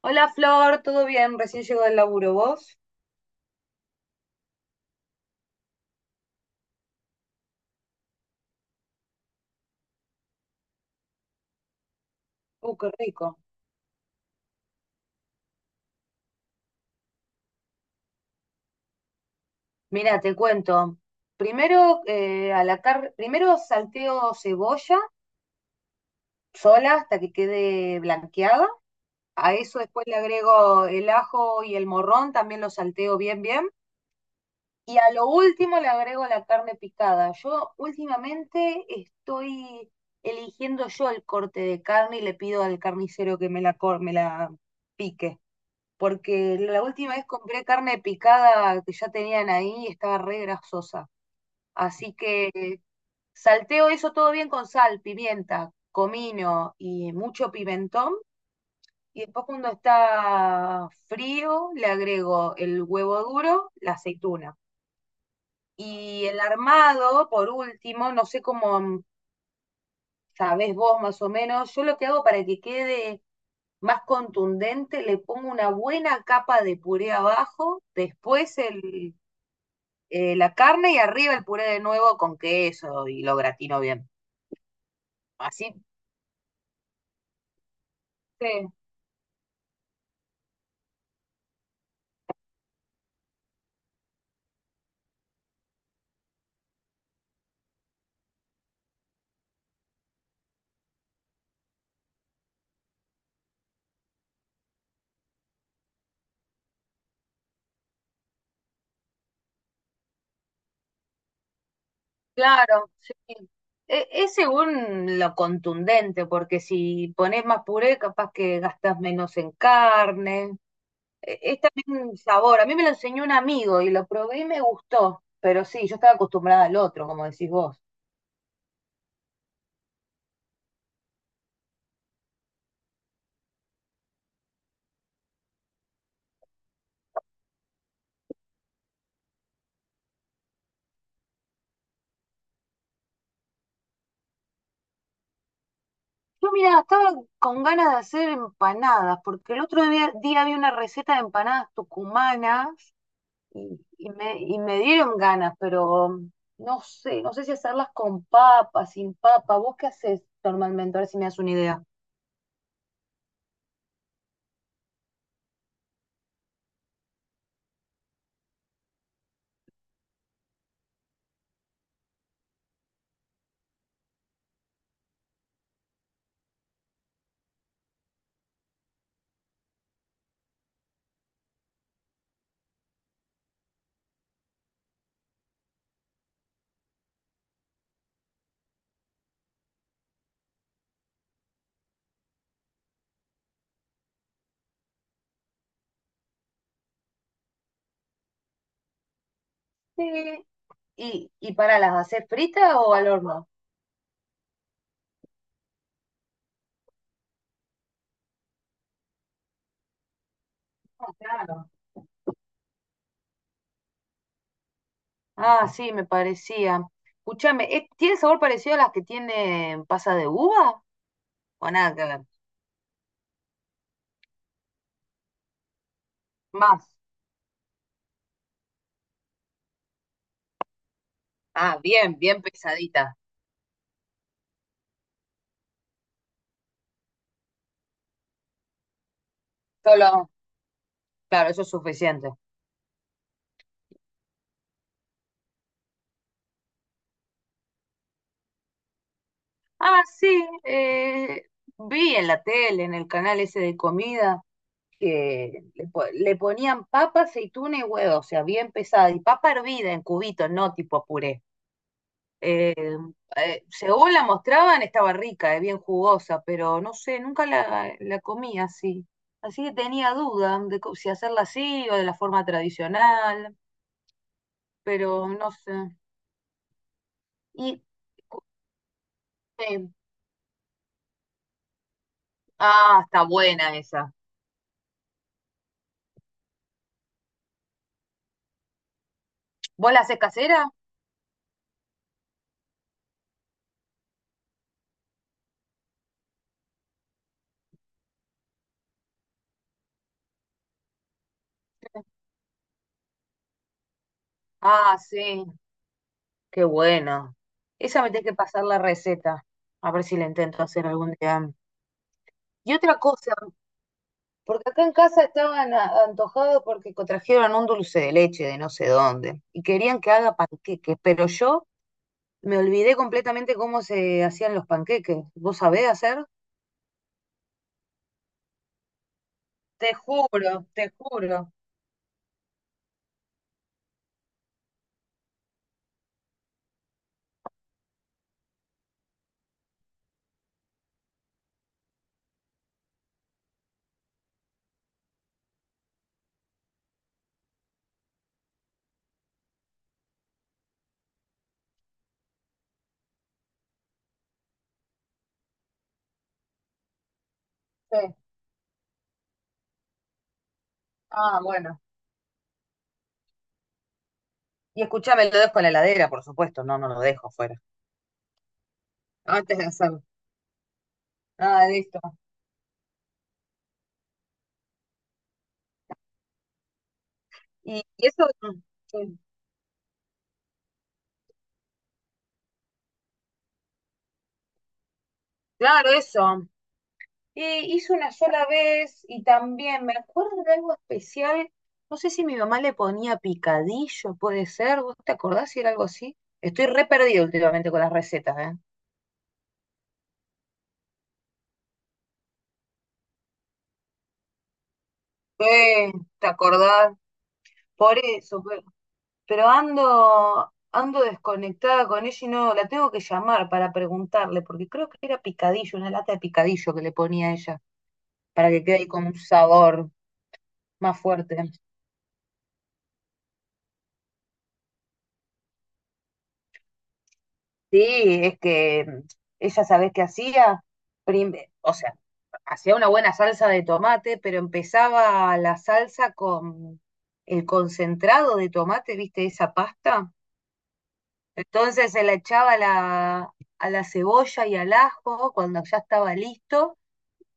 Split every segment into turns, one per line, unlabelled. Hola Flor, ¿todo bien? Recién llego del laburo, ¿vos? Qué rico. Mira, te cuento. Primero, primero salteo cebolla sola hasta que quede blanqueada. A eso después le agrego el ajo y el morrón, también lo salteo bien. Y a lo último le agrego la carne picada. Yo últimamente estoy eligiendo yo el corte de carne y le pido al carnicero que me la pique. Porque la última vez compré carne picada que ya tenían ahí y estaba re grasosa. Así que salteo eso todo bien con sal, pimienta, comino y mucho pimentón. Y después cuando está frío le agrego el huevo duro, la aceituna. Y el armado, por último, no sé cómo sabés vos más o menos, yo lo que hago para que quede más contundente, le pongo una buena capa de puré abajo, después la carne y arriba el puré de nuevo con queso y lo gratino bien. Así, sí, claro, sí. Es según lo contundente, porque si pones más puré, capaz que gastas menos en carne. Es también un sabor. A mí me lo enseñó un amigo y lo probé y me gustó, pero sí, yo estaba acostumbrada al otro, como decís vos. Yo, mira, estaba con ganas de hacer empanadas, porque el otro día vi una receta de empanadas tucumanas y me dieron ganas, pero no sé, no sé si hacerlas con papa, sin papa. ¿Vos qué haces normalmente? A ver si me das una idea. Sí, ¿y, y para las hacer fritas o al horno? Ah, claro. Ah, sí, me parecía. Escúchame, ¿tiene sabor parecido a las que tienen pasa de uva? O nada que ver. Más. Ah, bien, bien pesadita. Solo. Claro, eso es suficiente. Ah, sí, vi en la tele, en el canal ese de comida, que le ponían papa, aceituna y huevo, o sea, bien pesada, y papa hervida en cubitos, no tipo puré. Eh, según la mostraban, estaba rica, bien jugosa, pero no sé, nunca la, la comí así. Así que tenía duda de si hacerla así o de la forma tradicional, pero no sé. Y, eh, ah, está buena esa. ¿Vos la haces casera? Ah, sí, qué bueno. Esa me tiene que pasar la receta. A ver si la intento hacer algún día. Y otra cosa, porque acá en casa estaban antojados porque trajeron un dulce de leche de no sé dónde y querían que haga panqueques, pero yo me olvidé completamente cómo se hacían los panqueques. ¿Vos sabés hacer? Te juro, te juro. Sí. Ah, bueno. Y escuchame, lo dejo en la heladera, por supuesto. No, no lo dejo afuera. Antes de hacerlo. Ah, listo. Y eso. Sí. Claro, eso. Hice una sola vez y también me acuerdo de algo especial. No sé si mi mamá le ponía picadillo, puede ser. ¿Vos te acordás si era algo así? Estoy re perdida últimamente con las recetas, ¿eh? Eh, ¿Te acordás? Por eso, pero, ando, ando desconectada con ella y no la tengo que llamar para preguntarle, porque creo que era picadillo, una lata de picadillo que le ponía ella, para que quede ahí con un sabor más fuerte. Sí, es que ella, ¿sabés qué hacía? Prim- o sea, hacía una buena salsa de tomate, pero empezaba la salsa con el concentrado de tomate, ¿viste? Esa pasta. Entonces se la echaba a la cebolla y al ajo, cuando ya estaba listo,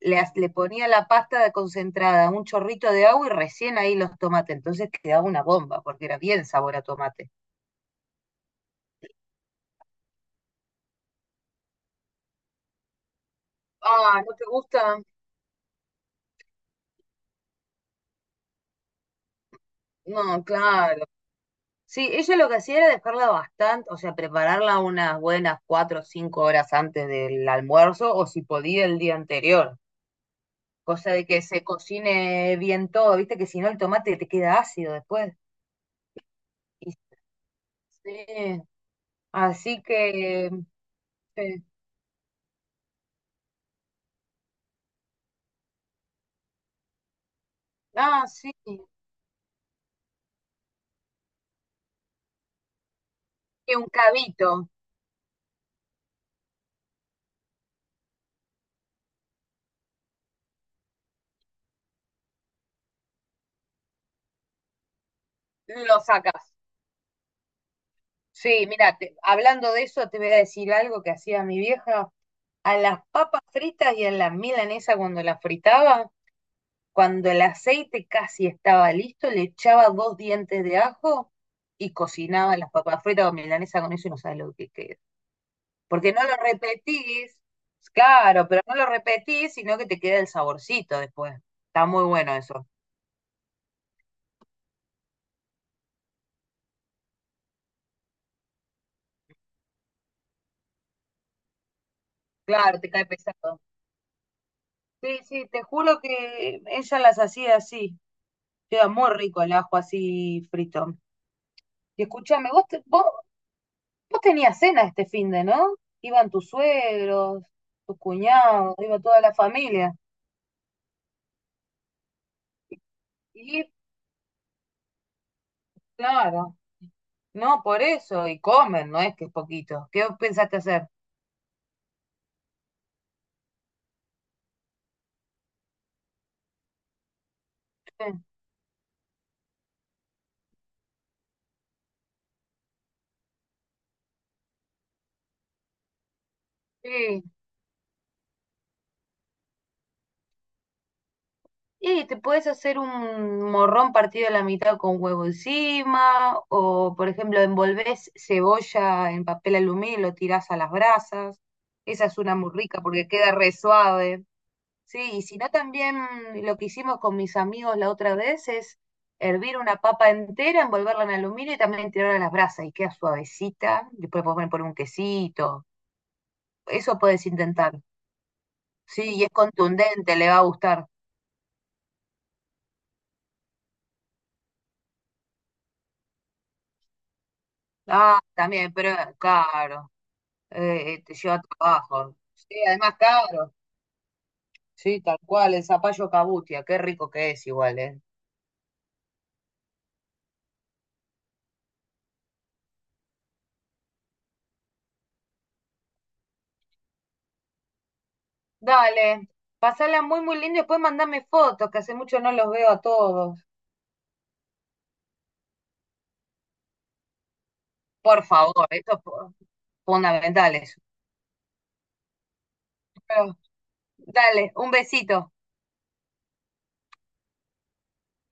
le ponía la pasta de concentrada, un chorrito de agua y recién ahí los tomates. Entonces quedaba una bomba, porque era bien sabor a tomate. Ah, ¿no te gusta? No, claro. Sí, ella lo que hacía era dejarla bastante, o sea, prepararla unas buenas 4 o 5 horas antes del almuerzo, o si podía el día anterior, cosa de que se cocine bien todo, viste que si no el tomate te queda ácido después. Y sí, así que, eh, ah, sí, que un cabito lo sacas. Sí, mira, hablando de eso, te voy a decir algo que hacía mi vieja. A las papas fritas y a la milanesa cuando las fritaba, cuando el aceite casi estaba listo, le echaba dos dientes de ajo y cocinaba las papas fritas con milanesa con eso y no sabes lo que queda. Porque no lo repetís, claro, pero no lo repetís, sino que te queda el saborcito después. Está muy bueno eso. Claro, te cae pesado. Sí, sí, te juro que ella las hacía así. Queda muy rico el ajo así frito. Y escúchame, vos tenías cena este finde, ¿no? Iban tus suegros, tus cuñados, iba toda la familia. Y claro, no por eso, y comen, no es que es poquito. ¿Qué pensaste hacer? Sí. Y te puedes hacer un morrón partido a la mitad con huevo encima, o por ejemplo, envolvés cebolla en papel aluminio y lo tirás a las brasas. Esa es una muy rica porque queda re suave. Sí, y si no también lo que hicimos con mis amigos la otra vez es hervir una papa entera, envolverla en aluminio y también tirarla a las brasas y queda suavecita. Después podemos poner un quesito. Eso puedes intentar. Sí, y es contundente, le va a gustar. Ah, también, pero es caro. Te lleva trabajo. Sí, además caro. Sí, tal cual, el zapallo cabutia, qué rico que es igual, ¿eh? Dale, pasala muy, muy lindo y después mandame fotos, que hace mucho no los veo a todos. Por favor, esto es fundamental. Eso. Pero, dale, un besito.